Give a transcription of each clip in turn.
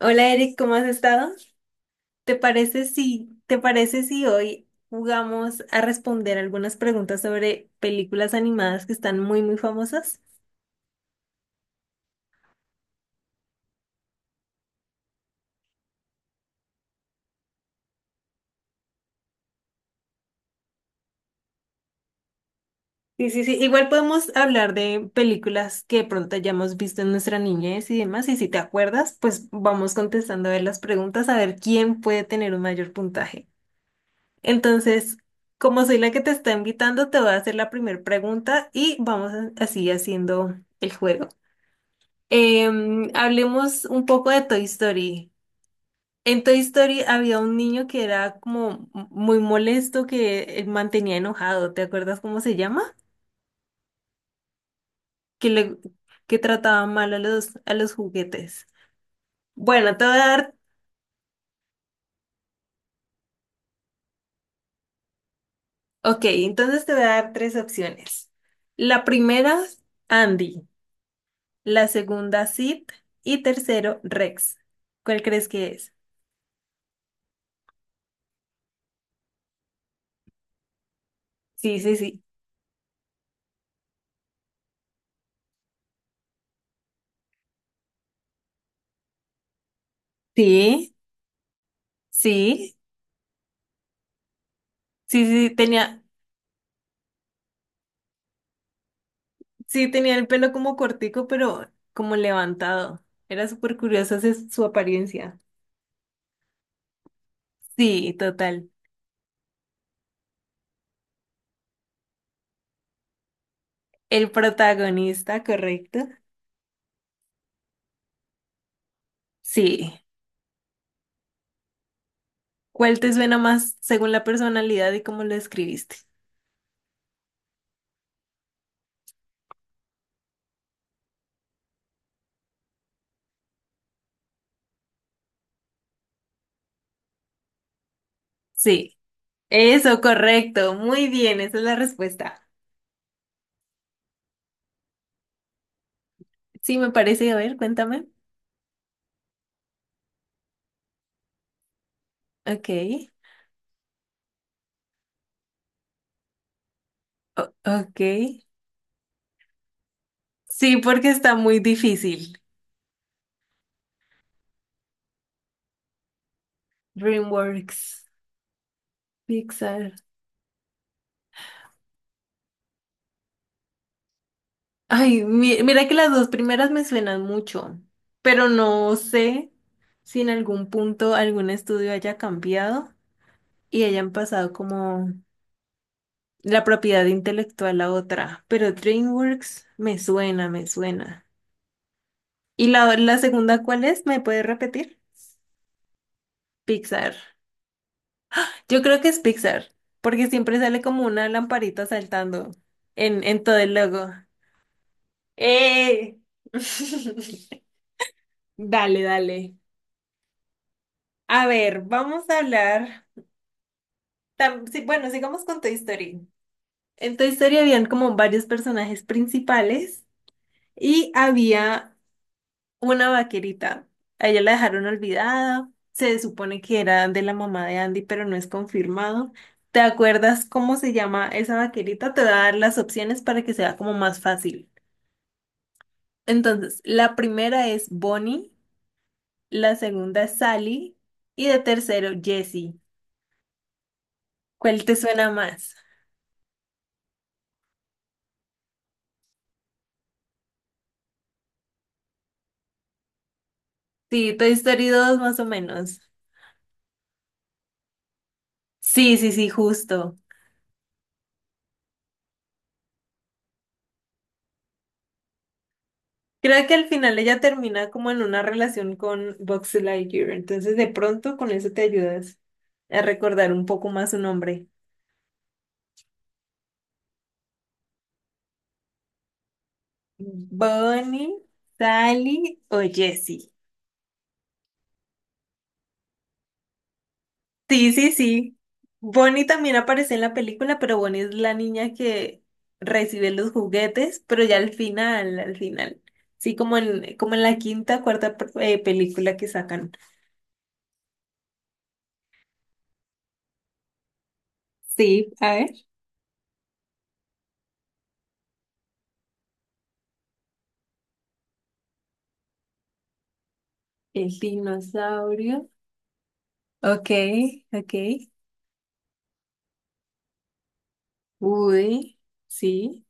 Hola Eric, ¿cómo has estado? ¿Te parece si hoy jugamos a responder algunas preguntas sobre películas animadas que están muy, muy famosas? Sí, sí, sí. Igual podemos hablar de películas que de pronto hayamos visto en nuestra niñez y demás. Y si te acuerdas, pues vamos contestando a ver las preguntas, a ver quién puede tener un mayor puntaje. Entonces, como soy la que te está invitando, te voy a hacer la primera pregunta y vamos así haciendo el juego. Hablemos un poco de Toy Story. En Toy Story había un niño que era como muy molesto, que mantenía enojado. ¿Te acuerdas cómo se llama? Que le, que trataba mal a los juguetes. Bueno, te voy a dar, ok, entonces te voy a dar tres opciones. La primera, Andy. La segunda, Sid. Y tercero, Rex. ¿Cuál crees que es? Sí, sí, sí. Sí, sí, sí, sí, tenía. Sí, tenía el pelo como cortico, pero como levantado. Era súper curiosa su apariencia. Sí, total. El protagonista, correcto. Sí. ¿Cuál te suena más según la personalidad y cómo lo escribiste? Sí. Eso, correcto. Muy bien, esa es la respuesta. Sí, me parece. A ver, cuéntame. Ok. Ok. Sí, porque está muy difícil. DreamWorks, Pixar. Ay, mira que las dos primeras me suenan mucho, pero no sé si en algún punto algún estudio haya cambiado y hayan pasado como la propiedad intelectual a otra, pero DreamWorks me suena, me suena. ¿Y la segunda cuál es? ¿Me puedes repetir? Pixar. Yo creo que es Pixar, porque siempre sale como una lamparita saltando en todo el logo. ¡Eh! Dale, dale. A ver, vamos a hablar. Sí, bueno, sigamos con Toy Story. En Toy Story habían como varios personajes principales y había una vaquerita. A ella la dejaron olvidada. Se supone que era de la mamá de Andy, pero no es confirmado. ¿Te acuerdas cómo se llama esa vaquerita? Te voy a dar las opciones para que sea como más fácil. Entonces, la primera es Bonnie, la segunda es Sally y de tercero Jessie. ¿Cuál te suena más? Sí, Toy Story 2 más o menos. Sí, sí, sí, justo. Creo que al final ella termina como en una relación con Box Lightyear, entonces de pronto con eso te ayudas a recordar un poco más su nombre. Bonnie, Sally o Jessie. Sí, sí, sí. Bonnie también aparece en la película, pero Bonnie es la niña que recibe los juguetes, pero ya al final, al final. Sí, como en, como en la quinta, cuarta película que sacan. Sí, a ver. El dinosaurio. Ok, ok. Woody, sí.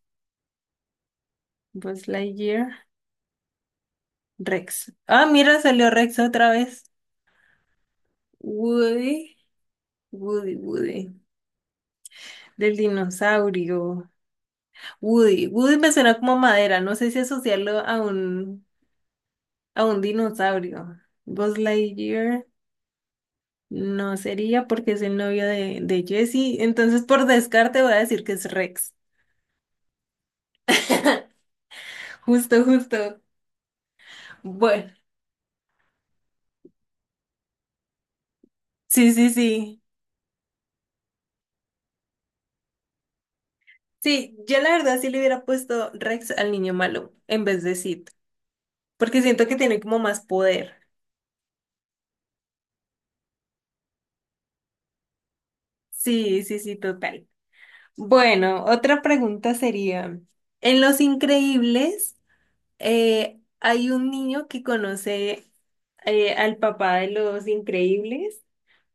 Buzz Lightyear. Rex. Ah, mira, salió Rex otra vez. Woody, Woody, Woody. Del dinosaurio. Woody. Woody me suena como madera. No sé si asociarlo a un dinosaurio. Buzz Lightyear no sería porque es el novio de Jessie. Entonces, por descarte, voy a decir que es Rex. Justo, justo. Bueno, sí, sí, sí. Sí, yo la verdad sí le hubiera puesto Rex al niño malo en vez de Sid, porque siento que tiene como más poder. Sí, sí, sí, total. Bueno, otra pregunta sería, en Los Increíbles hay un niño que conoce al papá de Los Increíbles,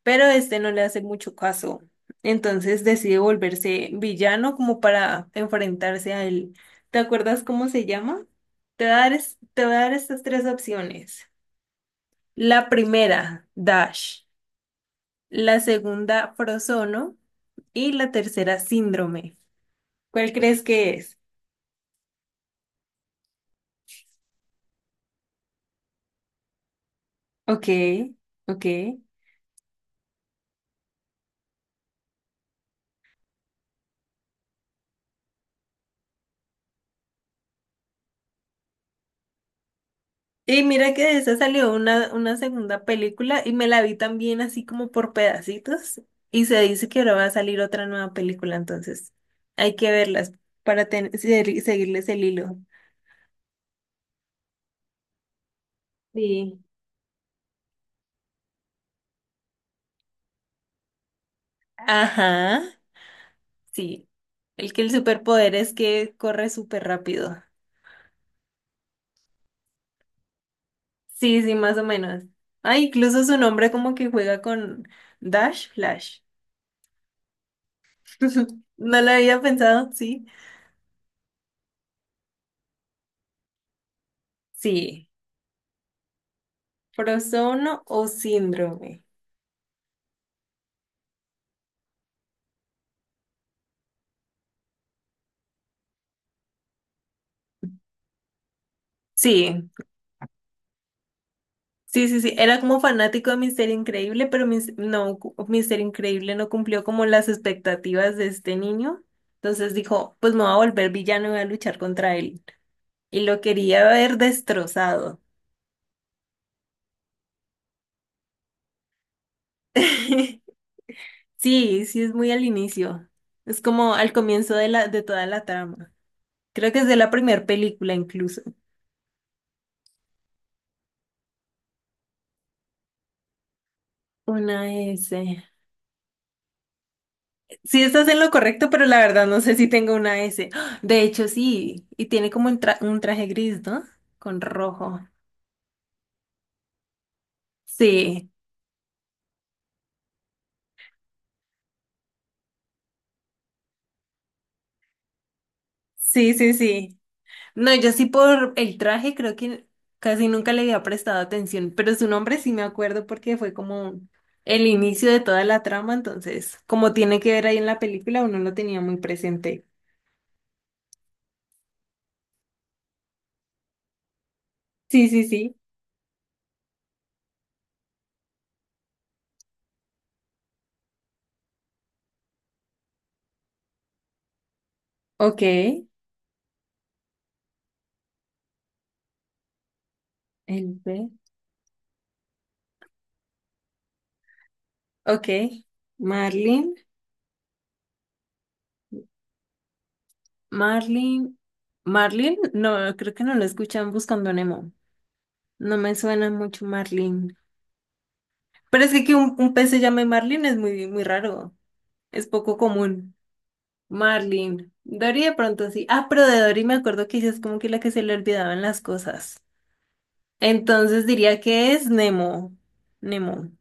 pero este no le hace mucho caso, entonces decide volverse villano como para enfrentarse a él. ¿Te acuerdas cómo se llama? Te voy a dar estas tres opciones. La primera, Dash. La segunda, Frozono. Y la tercera, Síndrome. ¿Cuál crees que es? Ok, ok. Y mira que de esa salió una segunda película y me la vi también así como por pedacitos. Y se dice que ahora va a salir otra nueva película, entonces hay que verlas para seguirles el hilo. Sí. Ajá, sí. El que el superpoder es que corre súper rápido. Sí, sí, más o menos. Ah, incluso su nombre como que juega con Dash Flash. No lo había pensado, sí. Sí. Prosono o síndrome. Sí, sí, sí, sí. Era como fanático de Mister Increíble, pero no, Mister Increíble no cumplió como las expectativas de este niño. Entonces dijo, pues me voy a volver villano y voy a luchar contra él. Y lo quería ver destrozado. Sí, sí es muy al inicio. Es como al comienzo de toda la trama. Creo que es de la primera película incluso. Una S. Sí, estás en lo correcto, pero la verdad no sé si tengo una S. ¡Ah! De hecho, sí. Y tiene como un traje gris, ¿no? Con rojo. Sí, sí, sí, sí. No, yo sí por el traje creo que casi nunca le había prestado atención, pero su nombre sí me acuerdo porque fue como el inicio de toda la trama, entonces como tiene que ver ahí en la película, uno lo tenía muy presente. Sí, sí, sí. Ok, el B. Ok, Marlin, Marlin, Marlin, no, creo que no lo escuchan buscando a Nemo. No me suena mucho Marlin. Pero es que un pez se llame Marlin es muy, muy raro, es poco común. Marlin. Dory de pronto sí. Ah, pero de Dory me acuerdo que ella es como que la que se le olvidaban las cosas. Entonces diría que es Nemo. Nemo.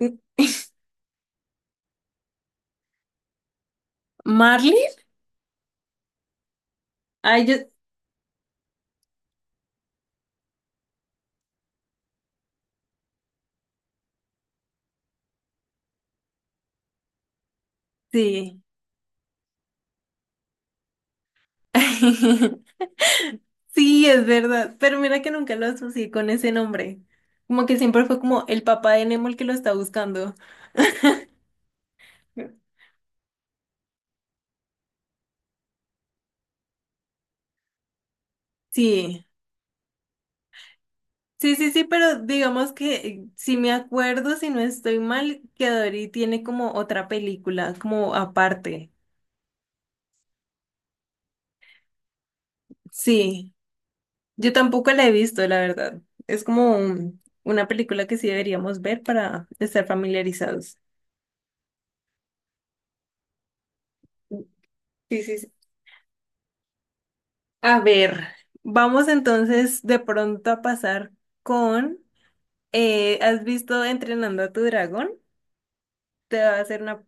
¿Marlin? Ay, yo sí. Sí, es verdad. Pero mira que nunca lo asocié con ese nombre. Como que siempre fue como el papá de Nemo el que lo está buscando. Sí. Sí, sí, sí, pero digamos que si me acuerdo, si no estoy mal, que Dory tiene como otra película, como aparte. Sí, yo tampoco la he visto, la verdad. Es como una película que sí deberíamos ver para estar familiarizados. Sí, sí, sí. A ver, vamos entonces de pronto a pasar con, ¿has visto Entrenando a tu dragón? Te va a hacer una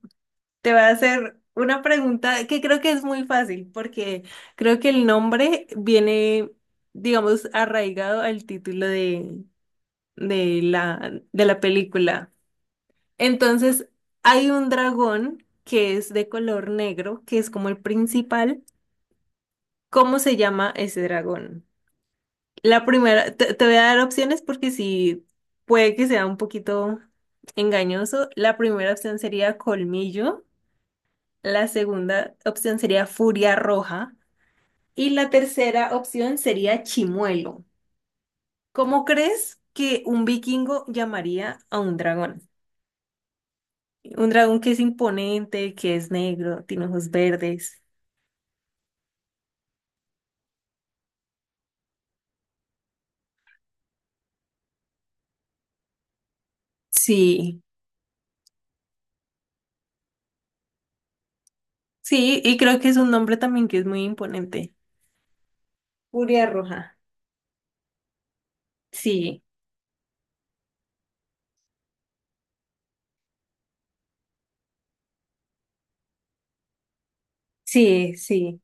Te voy a hacer una pregunta que creo que es muy fácil, porque creo que el nombre viene, digamos, arraigado al título de la película. Entonces, hay un dragón que es de color negro, que es como el principal. ¿Cómo se llama ese dragón? La primera, te voy a dar opciones porque sí, puede que sea un poquito engañoso. La primera opción sería colmillo. La segunda opción sería Furia Roja. Y la tercera opción sería Chimuelo. ¿Cómo crees que un vikingo llamaría a un dragón? Un dragón que es imponente, que es negro, tiene ojos verdes. Sí, sí, y creo que es un nombre también que es muy imponente. Furia Roja. Sí, sí, sí.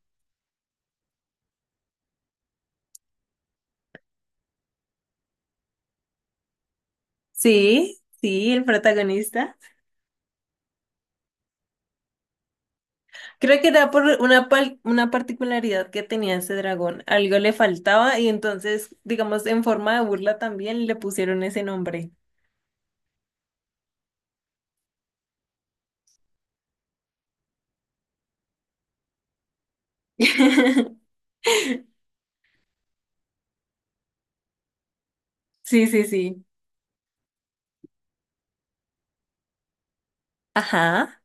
Sí, sí, el protagonista. Creo que era por una particularidad que tenía ese dragón. Algo le faltaba y entonces, digamos, en forma de burla también le pusieron ese nombre. Sí, sí, sí. Ajá.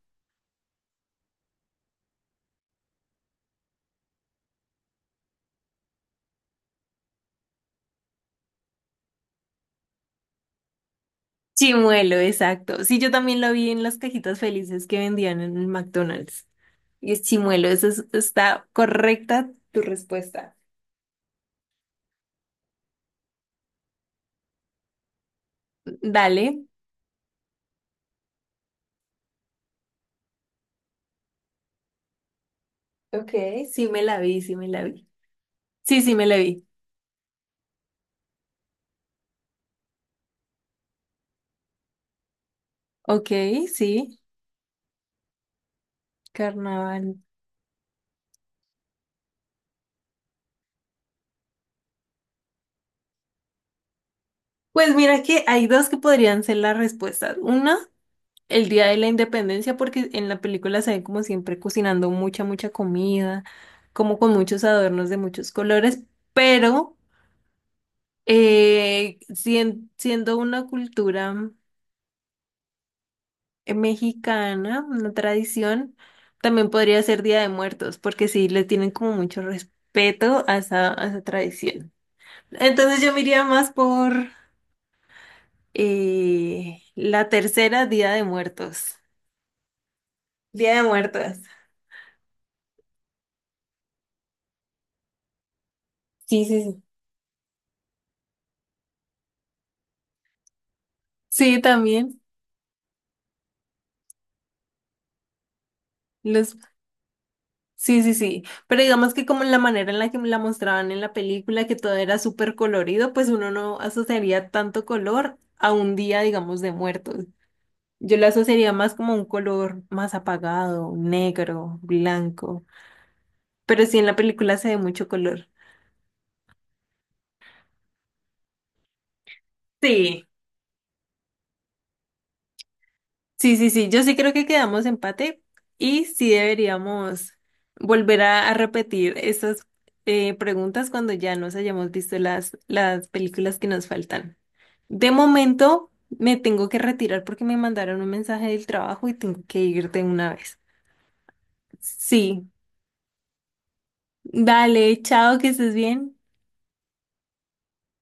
Chimuelo, exacto. Sí, yo también lo vi en las cajitas felices que vendían en el McDonald's. Y es chimuelo, está correcta tu respuesta. Dale. Ok, sí me la vi, sí me la vi. Sí, sí me la vi. Ok, sí. Carnaval. Pues mira que hay dos que podrían ser las respuestas. Una, el Día de la Independencia, porque en la película se ve como siempre cocinando mucha, mucha comida, como con muchos adornos de muchos colores, pero siendo una cultura mexicana, una tradición, también podría ser Día de Muertos, porque sí le tienen como mucho respeto a esa tradición. Entonces yo me iría más por la tercera Día de Muertos. Día de Muertos. Sí, sí, sí. Sí, también. Los... Sí, sí, sí. Pero digamos que como la manera en la que me la mostraban en la película, que todo era súper colorido, pues uno no asociaría tanto color a un día, digamos, de muertos. Yo lo asociaría más como un color más apagado, negro, blanco. Pero sí, en la película se ve mucho color. Sí. Sí, sí, sí, yo sí creo que quedamos empate y sí deberíamos volver a repetir esas preguntas cuando ya nos hayamos visto las películas que nos faltan. De momento me tengo que retirar porque me mandaron un mensaje del trabajo y tengo que irte una vez. Sí, dale, chao, que estés bien.